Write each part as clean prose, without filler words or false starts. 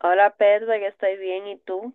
Hola Pedro, yo estoy bien, ¿y tú?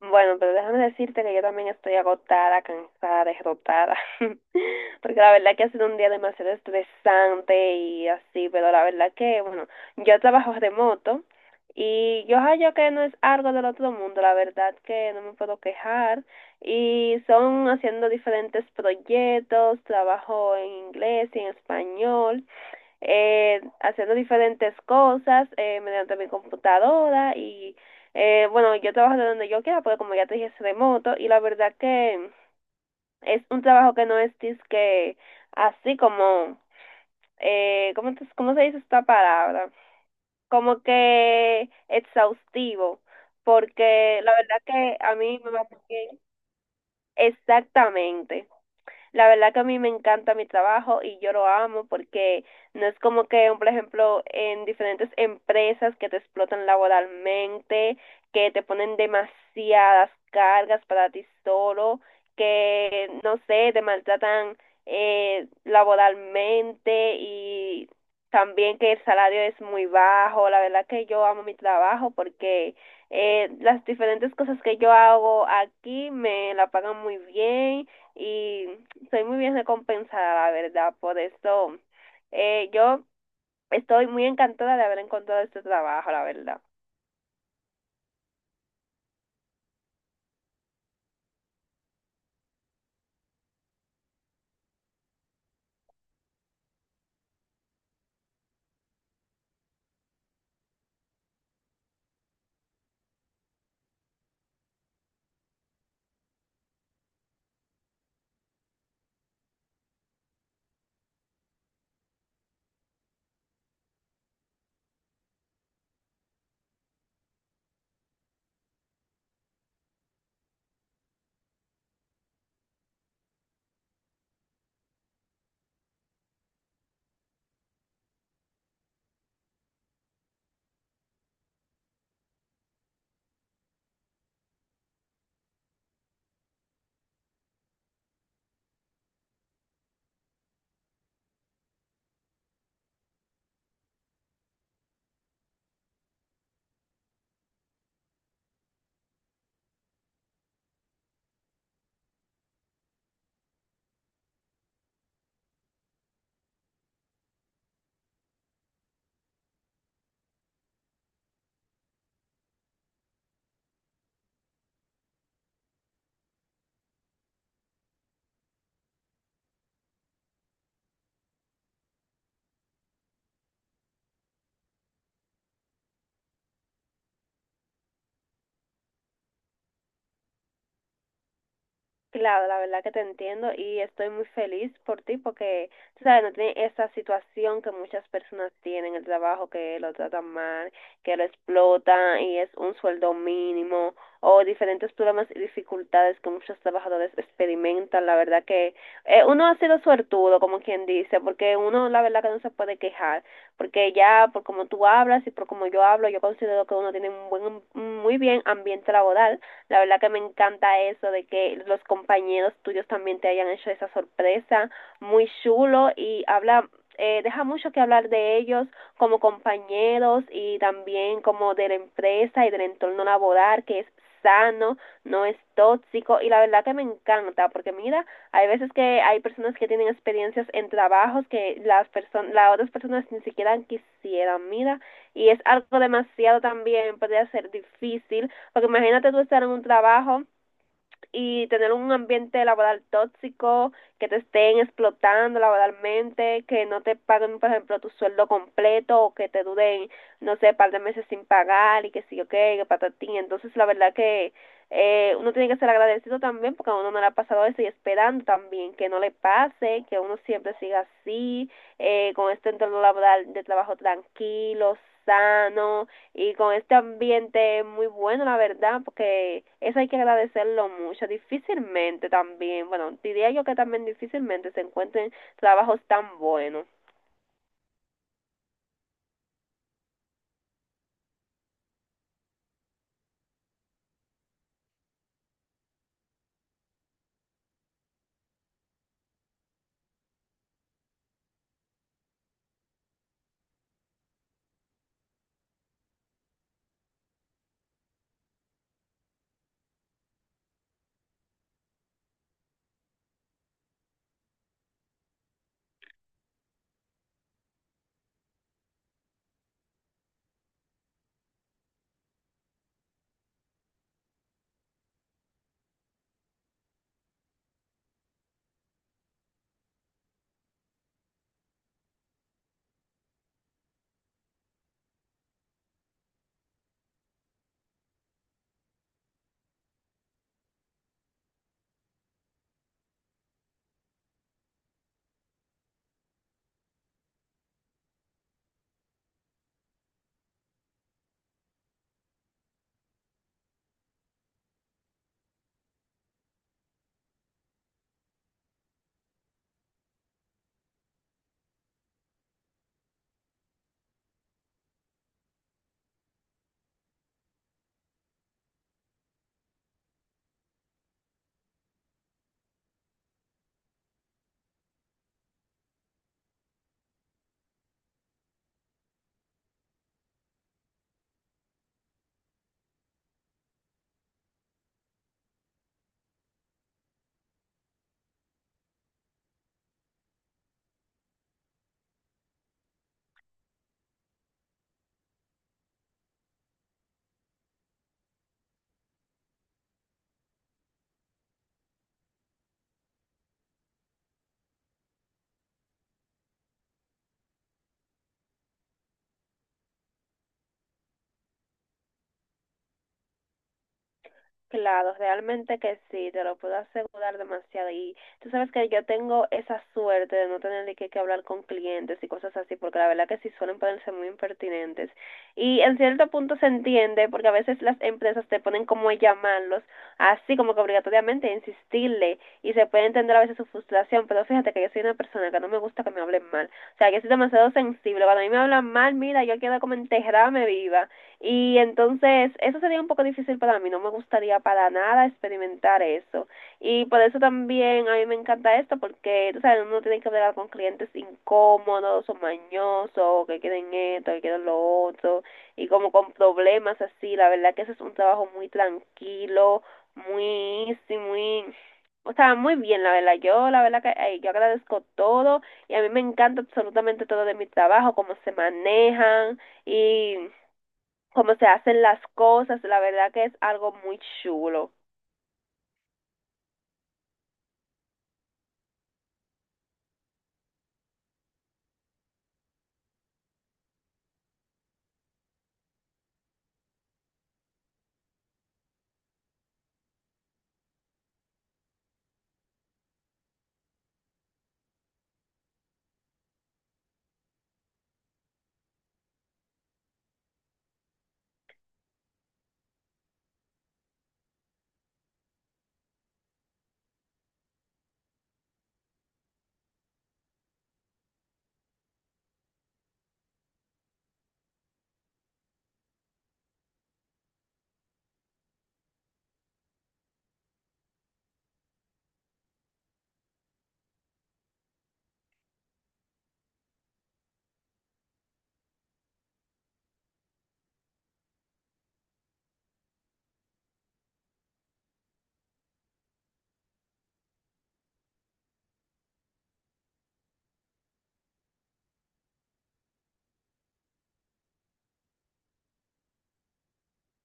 Bueno, pero déjame decirte que yo también estoy agotada, cansada, derrotada, porque la verdad que ha sido un día demasiado estresante y así, pero la verdad que, bueno, yo trabajo remoto y yo hallo que no es algo del otro mundo, la verdad que no me puedo quejar y son haciendo diferentes proyectos, trabajo en inglés y en español. Haciendo diferentes cosas, mediante mi computadora y bueno, yo trabajo de donde yo quiera porque como ya te dije es remoto y la verdad que es un trabajo que no es que así como, ¿cómo se dice esta palabra? Como que exhaustivo, porque la verdad que a mí me va bien. Exactamente. La verdad que a mí me encanta mi trabajo y yo lo amo porque no es como que, por ejemplo, en diferentes empresas que te explotan laboralmente, que te ponen demasiadas cargas para ti solo, que, no sé, te maltratan laboralmente, y también que el salario es muy bajo. La verdad que yo amo mi trabajo porque las diferentes cosas que yo hago aquí me la pagan muy bien y soy muy bien recompensada, la verdad. Por eso yo estoy muy encantada de haber encontrado este trabajo, la verdad. Claro, la verdad que te entiendo y estoy muy feliz por ti porque, tú sabes, no tiene esa situación que muchas personas tienen en el trabajo, que lo tratan mal, que lo explotan y es un sueldo mínimo o diferentes problemas y dificultades que muchos trabajadores experimentan. La verdad que uno ha sido suertudo, como quien dice, porque uno la verdad que no se puede quejar, porque ya por como tú hablas y por como yo hablo, yo considero que uno tiene un buen, un muy bien ambiente laboral. La verdad que me encanta eso de que los compañeros tuyos también te hayan hecho esa sorpresa, muy chulo, y habla, deja mucho que hablar de ellos como compañeros y también como de la empresa y del entorno laboral, que es sano, no es tóxico, y la verdad que me encanta porque mira, hay veces que hay personas que tienen experiencias en trabajos que las personas, las otras personas ni siquiera quisieran, mira, y es algo demasiado también, podría ser difícil porque imagínate tú estar en un trabajo y tener un ambiente laboral tóxico, que te estén explotando laboralmente, que no te paguen, por ejemplo, tu sueldo completo, o que te duren, no sé, par de meses sin pagar y que sí, ok, que patatín. Entonces, la verdad que uno tiene que ser agradecido también porque a uno no le ha pasado eso, y esperando también que no le pase, que uno siempre siga así, con este entorno laboral de trabajo tranquilo, sano, y con este ambiente muy bueno, la verdad, porque eso hay que agradecerlo mucho. Difícilmente también, bueno, diría yo que también difícilmente se encuentren trabajos tan buenos. Claro, realmente que sí, te lo puedo asegurar demasiado. Y tú sabes que yo tengo esa suerte de no tener que hablar con clientes y cosas así, porque la verdad que sí suelen ponerse muy impertinentes. Y en cierto punto se entiende, porque a veces las empresas te ponen como a llamarlos, así como que obligatoriamente a insistirle, y se puede entender a veces su frustración, pero fíjate que yo soy una persona que no me gusta que me hablen mal. O sea, yo soy demasiado sensible. Cuando a mí me hablan mal, mira, yo quiero como enterrarme viva. Y entonces eso sería un poco difícil para mí, no me gustaría para nada experimentar eso. Y por eso también a mí me encanta esto, porque tú sabes, uno tiene que hablar con clientes incómodos o mañosos, que quieren esto, que quieren lo otro, y como con problemas así. La verdad que ese es un trabajo muy tranquilo, muy easy, muy... O sea, muy bien, la verdad. Yo, la verdad que ay, yo agradezco todo y a mí me encanta absolutamente todo de mi trabajo, cómo se manejan y cómo se hacen las cosas, la verdad que es algo muy chulo.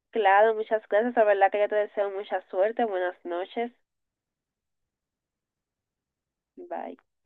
Claro, muchas gracias, la verdad que yo te deseo mucha suerte, buenas noches, bye.